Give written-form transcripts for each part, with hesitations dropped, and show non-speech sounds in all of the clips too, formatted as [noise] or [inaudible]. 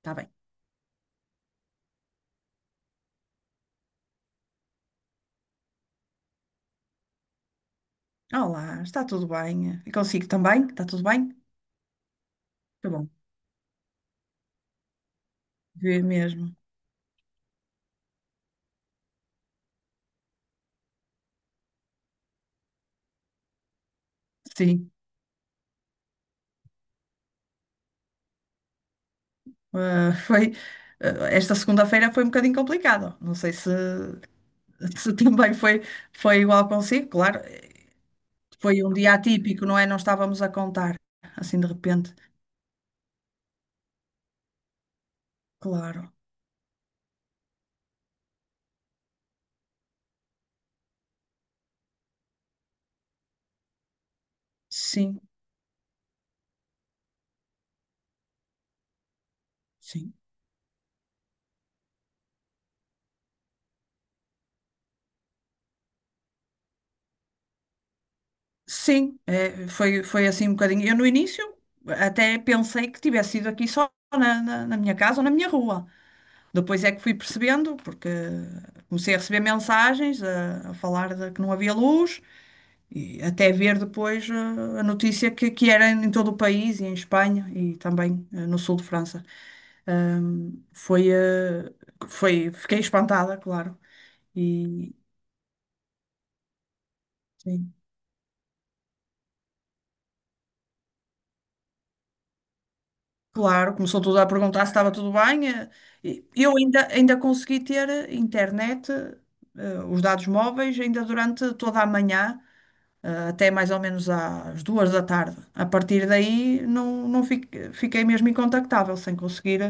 Está bem. Olá, está tudo bem? E consigo também? Está tudo bem? Tá bom. Vê mesmo. Sim. Ah, [laughs] foi, esta segunda-feira foi um bocadinho complicado. Não sei se, [laughs] se também foi igual consigo. Claro, foi um dia atípico, não é? Não estávamos a contar assim de repente. Claro. Sim, sim. Sim, foi assim um bocadinho. Eu no início até pensei que tivesse sido aqui só na minha casa ou na minha rua. Depois é que fui percebendo, porque comecei a receber mensagens a falar de que não havia luz, e até ver depois a notícia que era em todo o país, e em Espanha e também no sul de França. Ahm, foi, eh, Fiquei espantada, claro. E sim, claro, começou tudo a perguntar se estava tudo bem. Eu ainda consegui ter internet, os dados móveis, ainda durante toda a manhã. Até mais ou menos às duas da tarde. A partir daí não fiquei mesmo incontactável, sem conseguir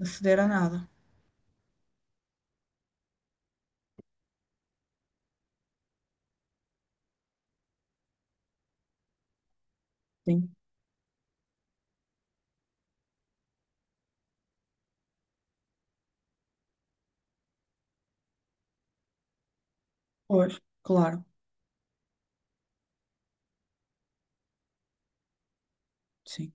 aceder a nada. Sim, pois, claro, sim,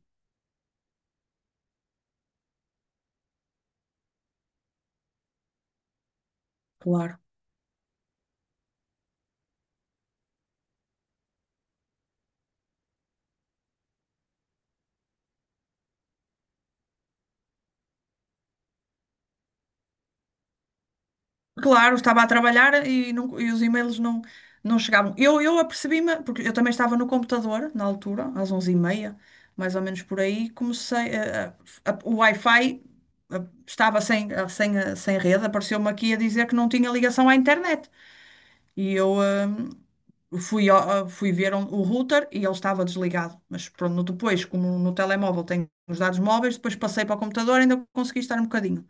claro. Claro, estava a trabalhar e os e-mails não chegavam. Eu apercebi-me, porque eu também estava no computador na altura, às onze e meia, mais ou menos por aí, comecei, a- o Wi-Fi eh, estava sem rede, apareceu-me aqui a dizer que não tinha ligação à internet. E eu fui ver o router e ele estava desligado. Mas pronto, depois, como no telemóvel tenho os dados móveis, depois passei para o computador e ainda consegui estar um bocadinho.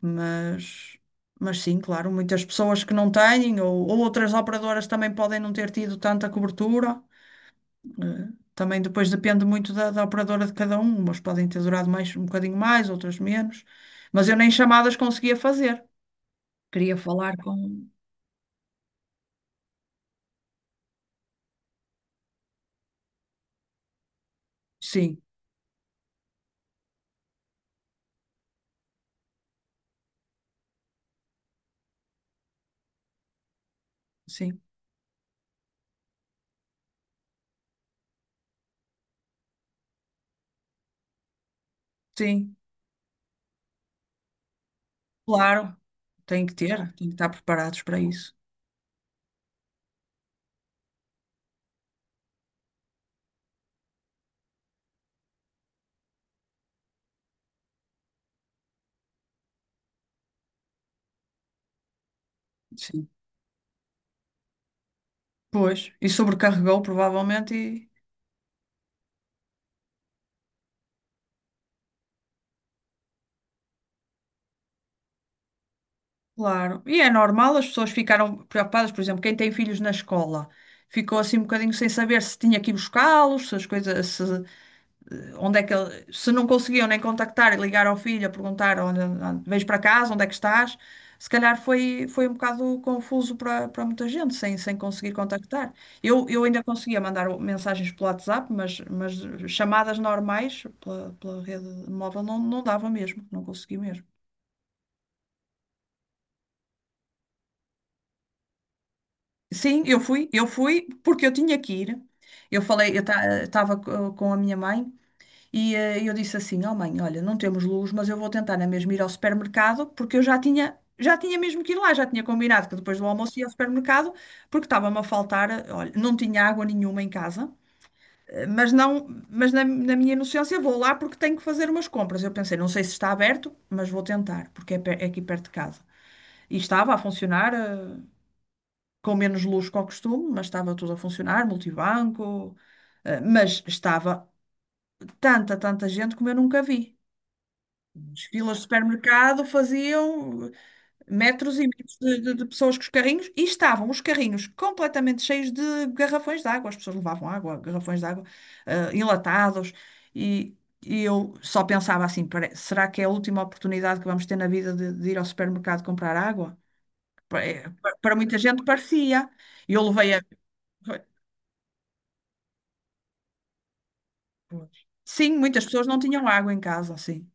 Mas, mas sim, claro, muitas pessoas que não têm, ou outras operadoras também podem não ter tido tanta cobertura. Eh, Também depois depende muito da operadora de cada um. Umas podem ter durado mais, um bocadinho mais, outras menos. Mas eu nem chamadas conseguia fazer. Queria falar com. Sim, sim, sim. Claro, tem que tem que estar preparados para isso. Sim. Pois, e sobrecarregou provavelmente claro. E é normal, as pessoas ficaram preocupadas, por exemplo, quem tem filhos na escola ficou assim um bocadinho sem saber se tinha que ir buscá-los, se as coisas, se, onde é que ele, se não conseguiam nem contactar e ligar ao filho a perguntar onde vens para casa, onde é que estás, se calhar foi um bocado confuso para muita gente, sem conseguir contactar. Eu ainda conseguia mandar mensagens pelo WhatsApp, mas chamadas normais pela rede móvel não dava mesmo, não consegui mesmo. Sim, eu fui porque eu tinha que ir. Eu estava com a minha mãe. E eu disse assim: "Oh mãe, olha, não temos luz, mas eu vou tentar na mesma ir ao supermercado, porque eu já já tinha mesmo que ir lá, já tinha combinado que depois do almoço ia ao supermercado, porque estava-me a faltar, olha, não tinha água nenhuma em casa, eh, mas não, mas na, na minha inocência vou lá porque tenho que fazer umas compras." Eu pensei, não sei se está aberto, mas vou tentar, porque é aqui perto de casa. E estava a funcionar, com menos luz que ao costume, mas estava tudo a funcionar, multibanco, mas estava tanta gente como eu nunca vi. As filas de supermercado faziam metros e metros de pessoas com os carrinhos e estavam os carrinhos completamente cheios de garrafões de água. As pessoas levavam água, garrafões de água, enlatados. E, e eu só pensava assim: Será que é a última oportunidade que vamos ter na vida de ir ao supermercado comprar água? Para muita gente parecia." E eu levei a. Sim, muitas pessoas não tinham água em casa, sim.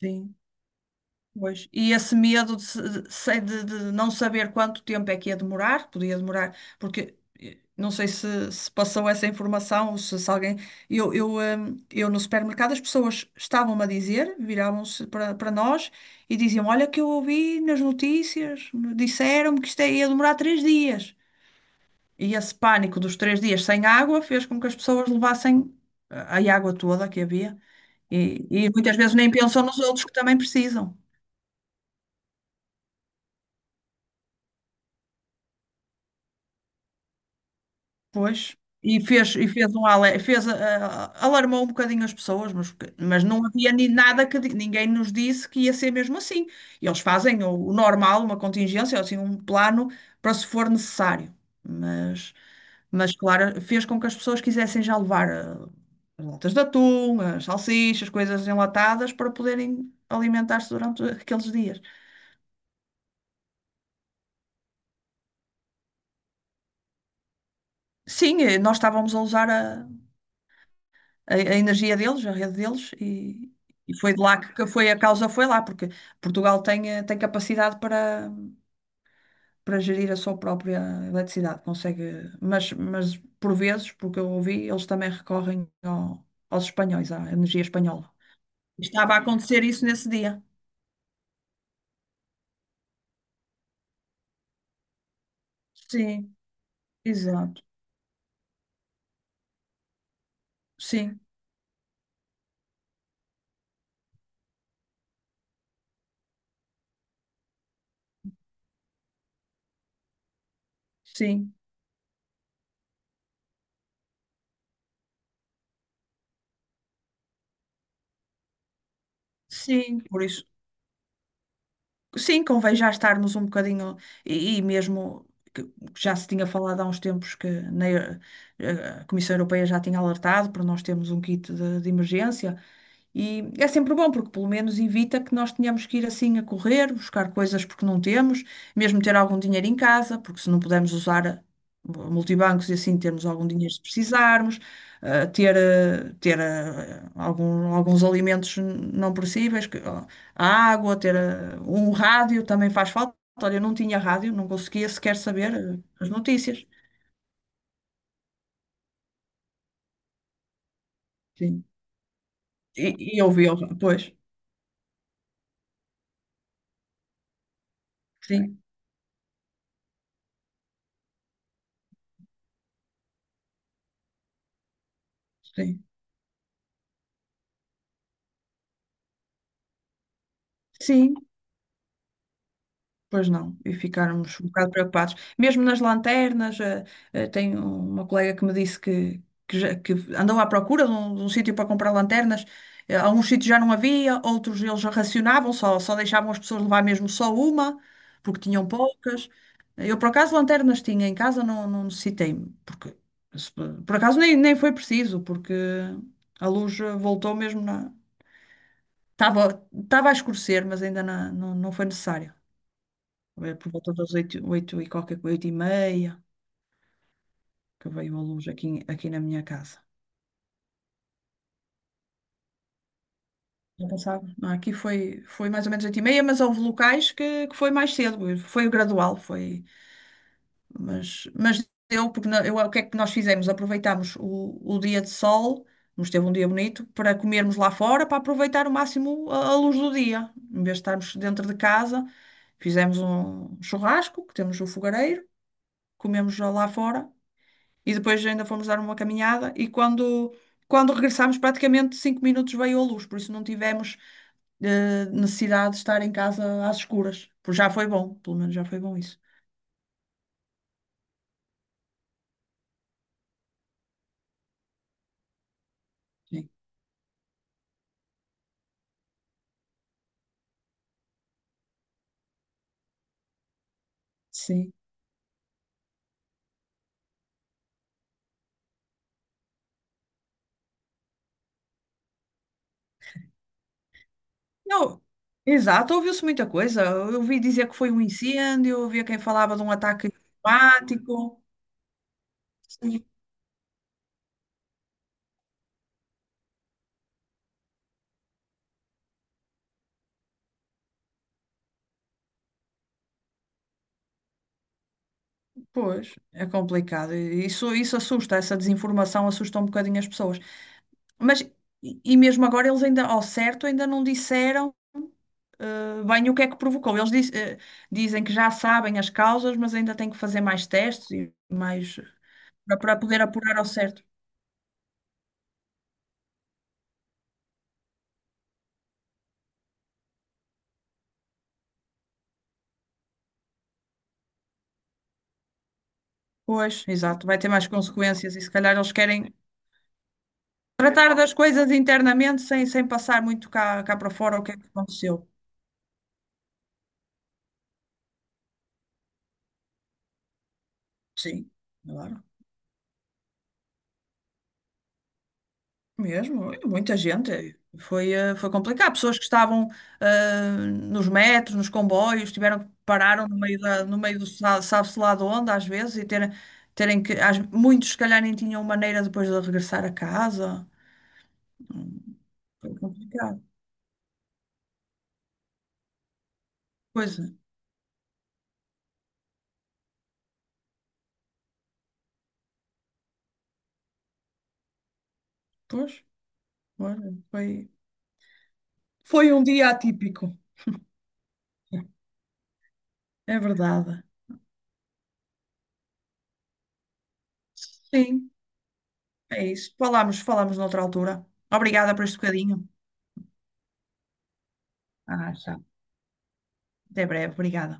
Sim. Pois. E esse medo de, se- de, se- de não saber quanto tempo é que ia demorar, podia demorar, porque não sei se passou essa informação ou se alguém. Eu no supermercado as pessoas estavam-me a dizer, viravam-se para nós e diziam: "Olha, que eu ouvi nas notícias, disseram-me que isto é, ia demorar três dias." E esse pânico dos três dias sem água fez com que as pessoas levassem a água toda que havia. E muitas vezes nem pensam nos outros que também precisam. Pois. E fez um ale- fez, ah, Alarmou um bocadinho as pessoas, mas não havia ni- nada que di- ninguém nos disse que ia ser mesmo assim. E eles fazem o normal, uma contingência, assim, um plano para se for necessário. Mas, mas claro, fez com que as pessoas quisessem já levar as latas de atum, as salsichas, coisas enlatadas para poderem alimentar-se durante aqueles dias. Sim, nós estávamos a usar a energia deles, a rede deles, e foi de lá que foi a causa, foi lá, porque Portugal tem, tem capacidade para gerir a sua própria eletricidade, consegue, mas por vezes, porque eu ouvi, eles também recorrem aos espanhóis, à energia espanhola. Estava a acontecer isso nesse dia. Sim, exato. Sim, sim, sim. Por isso. Sim, convém já estarmos um bocadinho, e mesmo que já se tinha falado há uns tempos que na a Comissão Europeia já tinha alertado para nós termos um kit de emergência, e é sempre bom, porque pelo menos evita que nós tenhamos que ir assim a correr, buscar coisas porque não temos, mesmo ter algum dinheiro em casa, porque se não pudermos usar multibancos e assim termos algum dinheiro se precisarmos, ter alguns alimentos não perecíveis. A água, ter um rádio também faz falta. Olha, eu não tinha rádio, não conseguia sequer saber as notícias. Sim. Pois, sim, sim. Sim, pois não, e ficarmos um bocado preocupados. Mesmo nas lanternas, tenho uma colega que me disse que andou à procura de um sítio para comprar lanternas. Alguns sítios já não havia, outros eles já racionavam, só deixavam as pessoas levar mesmo só uma, porque tinham poucas. Eu, por acaso, lanternas tinha em casa, não necessitei, porque se- por acaso nem foi preciso, porque a luz voltou mesmo na. Estava, Estava a escurecer, mas ainda não foi necessário por volta das oito, oito e qualquer coisa, oito e meia, que veio a luz aqui, aqui na minha casa. Já passava. Não, aqui foi mais ou menos oito e meia, mas houve locais que foi mais cedo, foi gradual, foi, mas deu, porque eu, o que é que nós fizemos? Aproveitámos o dia de sol, nos teve um dia bonito, para comermos lá fora, para aproveitar o máximo a luz do dia, em vez de estarmos dentro de casa, fizemos um churrasco, que temos o fogareiro, comemos lá fora. E depois ainda fomos dar uma caminhada e, quando regressámos, praticamente cinco minutos veio a luz, por isso não tivemos necessidade de estar em casa às escuras. Por já foi bom, pelo menos já foi bom isso. Sim. Sim. Não, exato, ouviu-se muita coisa. Eu ouvi dizer que foi um incêndio, ouvia quem falava de um ataque climático. Sim. Pois, é complicado. Isso assusta, essa desinformação assusta um bocadinho as pessoas. Mas, e e mesmo agora, eles ainda, ao certo, ainda não disseram bem o que é que provocou. Dizem que já sabem as causas, mas ainda têm que fazer mais testes e mais para para poder apurar ao certo. Pois, exato, vai ter mais consequências e se calhar eles querem tratar das coisas internamente sem passar muito cá para fora o que é que aconteceu. Sim, claro. Mesmo, muita gente. Foi complicado. Pessoas que estavam eh, nos metros, nos comboios, tiveram que pararam no meio no meio do sabe-se lá de onde, às vezes, e terem, terem que. Muitos, se calhar, nem tinham maneira depois de regressar a casa. Hum, Foi complicado. Pois, é. Pois, olha, foi um dia atípico. É verdade. Sim, é isso. Falamos noutra altura. Obrigada por este bocadinho. Ah, já. Até breve, obrigada.